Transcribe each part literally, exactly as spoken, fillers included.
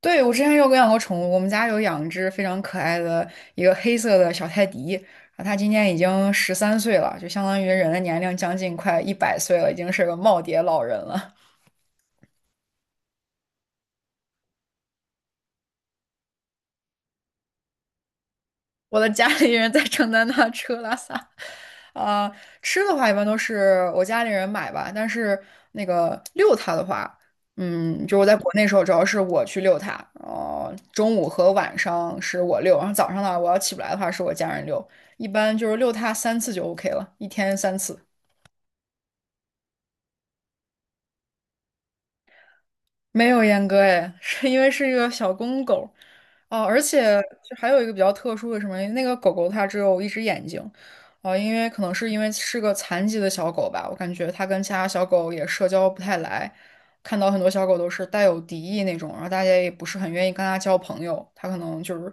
对，我之前有养过宠物，我们家有养一只非常可爱的一个黑色的小泰迪。啊，它今年已经十三岁了，就相当于人的年龄将近快一百岁了，已经是个耄耋老人了。我的家里人在承担他吃喝拉撒。啊、吃的话一般都是我家里人买吧，但是那个遛它的话。嗯，就我在国内时候主要是我去遛它，呃，中午和晚上是我遛，然后早上呢我要起不来的话是我家人遛，一般就是遛它三次就 OK 了，一天三次。没有阉割哎，是因为是一个小公狗。哦，而且就还有一个比较特殊的什么，那个狗狗它只有一只眼睛。哦，因为可能是因为是个残疾的小狗吧，我感觉它跟其他小狗也社交不太来，看到很多小狗都是带有敌意那种，然后大家也不是很愿意跟它交朋友，它可能就是。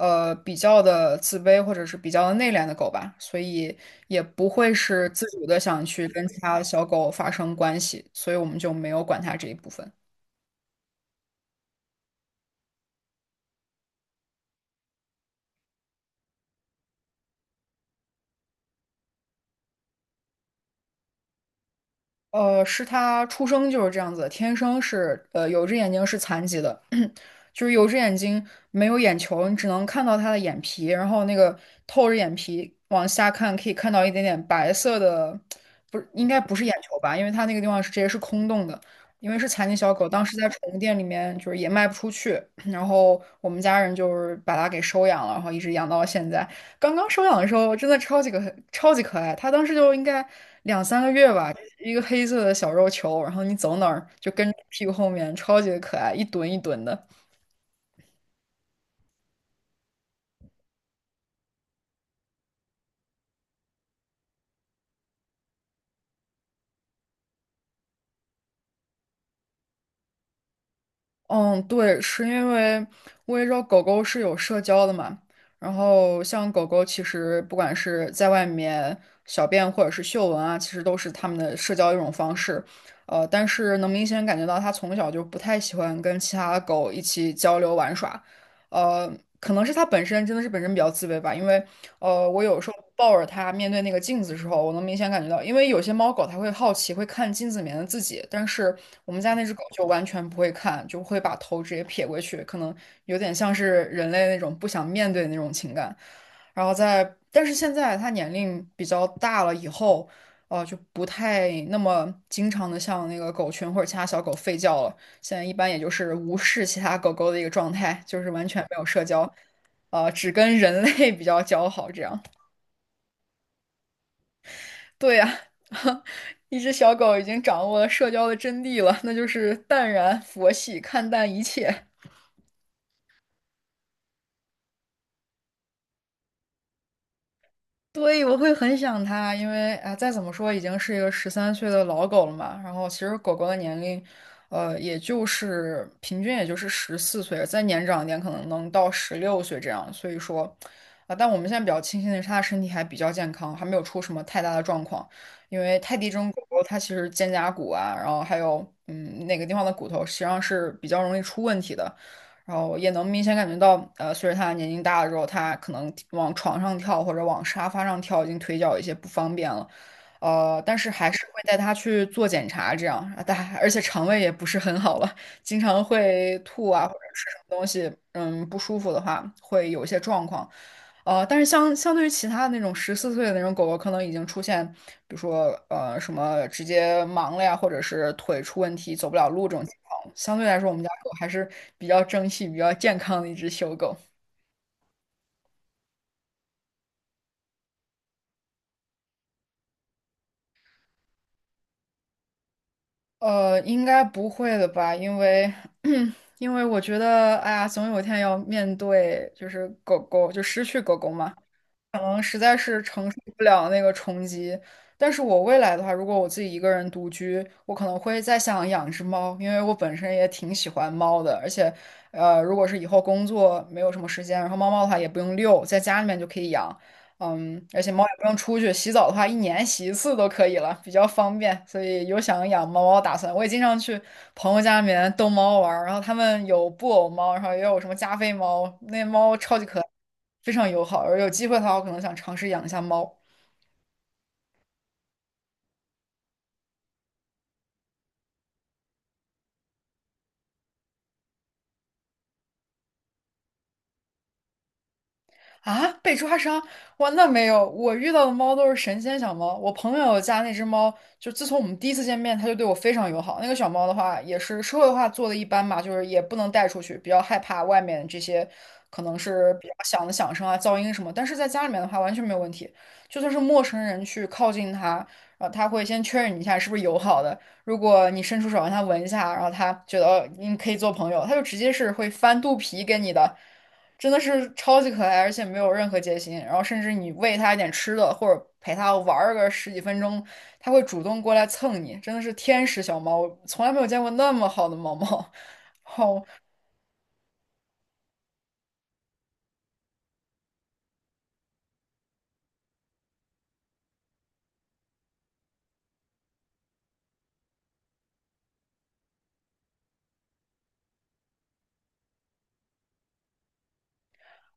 呃，比较的自卑或者是比较的内敛的狗吧，所以也不会是自主的想去跟其他小狗发生关系，所以我们就没有管它这一部分。呃，是他出生就是这样子的，天生是呃有一只眼睛是残疾的，就是有一只眼睛没有眼球，你只能看到他的眼皮，然后那个透着眼皮往下看，可以看到一点点白色的。不是，应该不是眼球吧？因为它那个地方是直接是空洞的。因为是残疾小狗，当时在宠物店里面就是也卖不出去，然后我们家人就是把它给收养了，然后一直养到了现在。刚刚收养的时候真的超级可超级可爱，它当时就应该两三个月吧，一个黑色的小肉球，然后你走哪儿就跟着屁股后面，超级可爱，一蹲一蹲的。嗯，对，是因为我也知道狗狗是有社交的嘛，然后像狗狗其实不管是在外面小便或者是嗅闻啊，其实都是它们的社交一种方式。呃，但是能明显感觉到它从小就不太喜欢跟其他的狗一起交流玩耍。呃，可能是它本身真的是本身比较自卑吧，因为呃，我有时候抱着它面对那个镜子的时候，我能明显感觉到，因为有些猫狗它会好奇，会看镜子里面的自己，但是我们家那只狗就完全不会看，就会把头直接撇过去，可能有点像是人类那种不想面对的那种情感。然后在，但是现在它年龄比较大了以后，呃，就不太那么经常的像那个狗群或者其他小狗吠叫了。现在一般也就是无视其他狗狗的一个状态，就是完全没有社交。呃，只跟人类 比较交好。这样，对呀、一只小狗已经掌握了社交的真谛了，那就是淡然佛系看淡一切。对，我会很想它，因为啊、再怎么说已经是一个十三岁的老狗了嘛。然后其实狗狗的年龄，呃，也就是平均也就是十四岁，再年长一点可能能到十六岁这样。所以说，啊、但我们现在比较庆幸的是，它的身体还比较健康，还没有出什么太大的状况。因为泰迪这种狗狗，它其实肩胛骨啊，然后还有嗯哪个地方的骨头，实际上是比较容易出问题的。然后也能明显感觉到，呃，随着他年龄大了之后，他可能往床上跳或者往沙发上跳，已经腿脚有一些不方便了。呃，但是还是会带他去做检查，这样，啊但而且肠胃也不是很好了，经常会吐啊或者吃什么东西，嗯，不舒服的话会有一些状况。呃，但是相相对于其他的那种十四岁的那种狗狗，可能已经出现，比如说呃什么直接盲了呀，或者是腿出问题走不了路这种情况。相对来说，我们家狗还是比较争气、比较健康的一只小狗。呃，应该不会的吧？因为 因为我觉得，哎呀，总有一天要面对，就是狗狗就失去狗狗嘛。可能实在是承受不了那个冲击。但是我未来的话，如果我自己一个人独居，我可能会再想养只猫，因为我本身也挺喜欢猫的，而且。呃，如果是以后工作没有什么时间，然后猫猫的话也不用遛，在家里面就可以养。嗯，而且猫也不用出去，洗澡的话一年洗一次都可以了，比较方便，所以有想养猫猫的打算。我也经常去朋友家里面逗猫玩儿，然后他们有布偶猫，然后也有什么加菲猫，那猫超级可爱。非常友好。而有机会的话，我可能想尝试养一下猫。啊，被抓伤？哇，那没有，我遇到的猫都是神仙小猫。我朋友家那只猫，就自从我们第一次见面，它就对我非常友好。那个小猫的话，也是社会化做的一般嘛，就是也不能带出去，比较害怕外面这些可能是比较响的响声啊、噪音什么。但是在家里面的话，完全没有问题。就算是陌生人去靠近它，然后它会先确认你一下是不是友好的。如果你伸出手让它闻一下，然后它觉得哦你可以做朋友，它就直接是会翻肚皮给你的。真的是超级可爱，而且没有任何戒心。然后甚至你喂它一点吃的，或者陪它玩个十几分钟，它会主动过来蹭你，真的是天使小猫，我从来没有见过那么好的猫猫。好，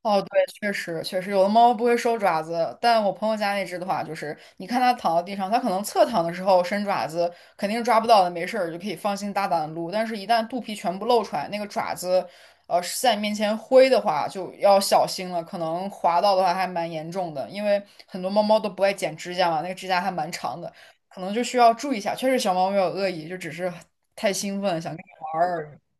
哦，对，确实确实，有的猫不会收爪子，但我朋友家那只的话，就是你看它躺在地上，它可能侧躺的时候伸爪子，肯定是抓不到的，没事儿就可以放心大胆的撸。但是，一旦肚皮全部露出来，那个爪子，呃，是在你面前挥的话，就要小心了，可能划到的话还蛮严重的，因为很多猫猫都不爱剪指甲嘛，那个指甲还蛮长的，可能就需要注意一下。确实，小猫没有恶意，就只是太兴奋，想跟你玩儿而已。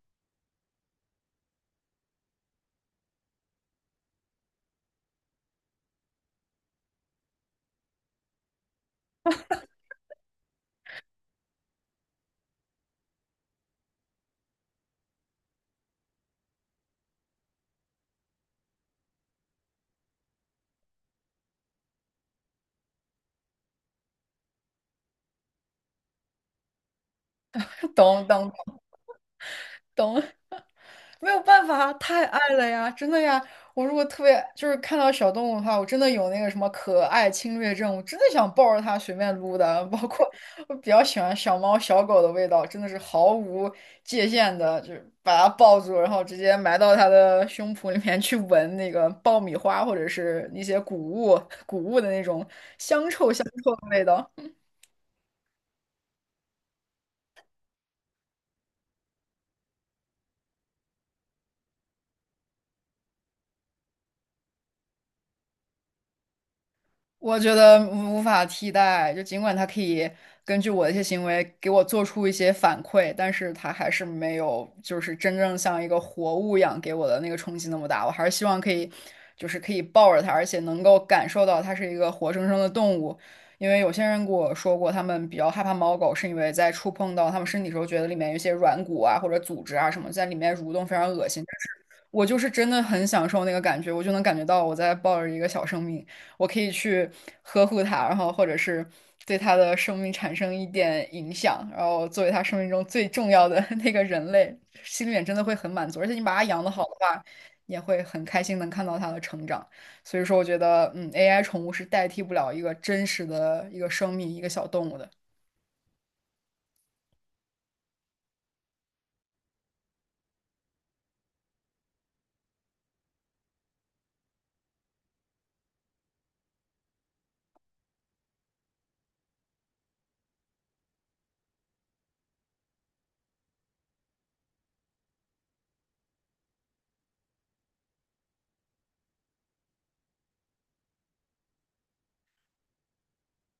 懂懂懂。没有办法，太爱了呀，真的呀！我如果特别就是看到小动物的话，我真的有那个什么可爱侵略症，我真的想抱着它随便撸的。包括我比较喜欢小猫小狗的味道，真的是毫无界限的，就是把它抱住，然后直接埋到它的胸脯里面去闻那个爆米花或者是一些谷物谷物的那种香臭香臭的味道。我觉得无法替代，就尽管它可以根据我的一些行为给我做出一些反馈，但是它还是没有就是真正像一个活物一样给我的那个冲击那么大。我还是希望可以，就是可以抱着它，而且能够感受到它是一个活生生的动物。因为有些人跟我说过，他们比较害怕猫狗，是因为在触碰到他们身体的时候，觉得里面有一些软骨啊或者组织啊什么在里面蠕动，非常恶心。我就是真的很享受那个感觉，我就能感觉到我在抱着一个小生命，我可以去呵护它，然后或者是对它的生命产生一点影响，然后作为它生命中最重要的 那个人类，心里面真的会很满足。而且你把它养得好的话，也会很开心能看到它的成长。所以说，我觉得，嗯，A I 宠物是代替不了一个真实的一个生命，一个小动物的。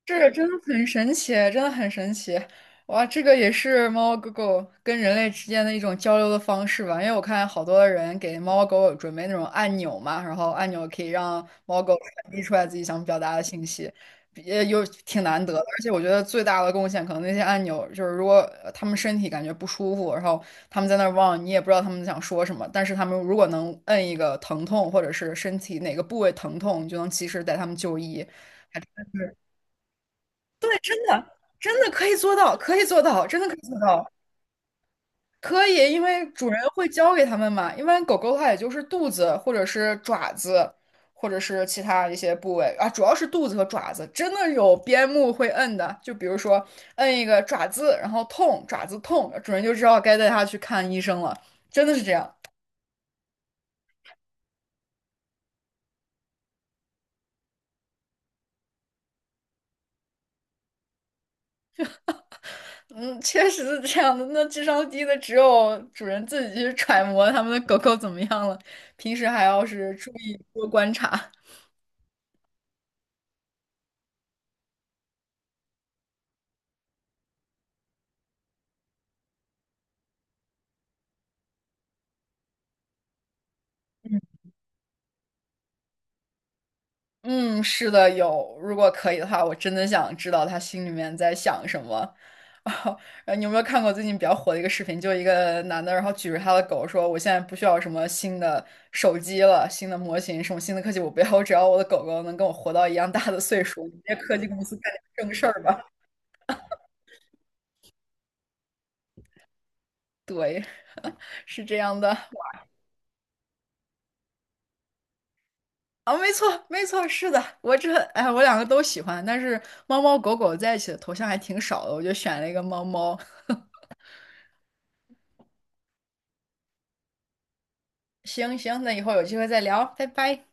是，真的很神奇，真的很神奇。哇，这个也是猫猫狗狗跟人类之间的一种交流的方式吧？因为我看好多的人给猫猫狗狗准备那种按钮嘛，然后按钮可以让猫狗传递出来自己想表达的信息，也有挺难得的。而且我觉得最大的贡献，可能那些按钮就是如果呃它们身体感觉不舒服，然后他们在那儿望，你也不知道他们想说什么，但是他们如果能摁一个疼痛或者是身体哪个部位疼痛，你就能及时带他们就医。真的可以做到，可以做到，真的可以做到，可以，因为主人会教给他们嘛。一般狗狗它也就是肚子或者是爪子，或者是其他一些部位啊，主要是肚子和爪子，真的有边牧会摁的，就比如说摁一个爪子，然后痛，爪子痛，主人就知道该带它去看医生了，真的是这样。嗯，确实是这样的。那智商低的只有主人自己去揣摩他们的狗狗怎么样了，平时还要是注意多观察。嗯，是的，有。如果可以的话，我真的想知道他心里面在想什么。啊，你有没有看过最近比较火的一个视频？就一个男的，然后举着他的狗说："我现在不需要什么新的手机了，新的模型，什么新的科技，我不要，我只要我的狗狗能跟我活到一样大的岁数。你们这些科技公司干点正事儿吧。"对，是这样的。啊，没错，没错，是的，我这，哎，我两个都喜欢，但是猫猫狗狗在一起的头像还挺少的，我就选了一个猫猫。行行，那以后有机会再聊，拜拜。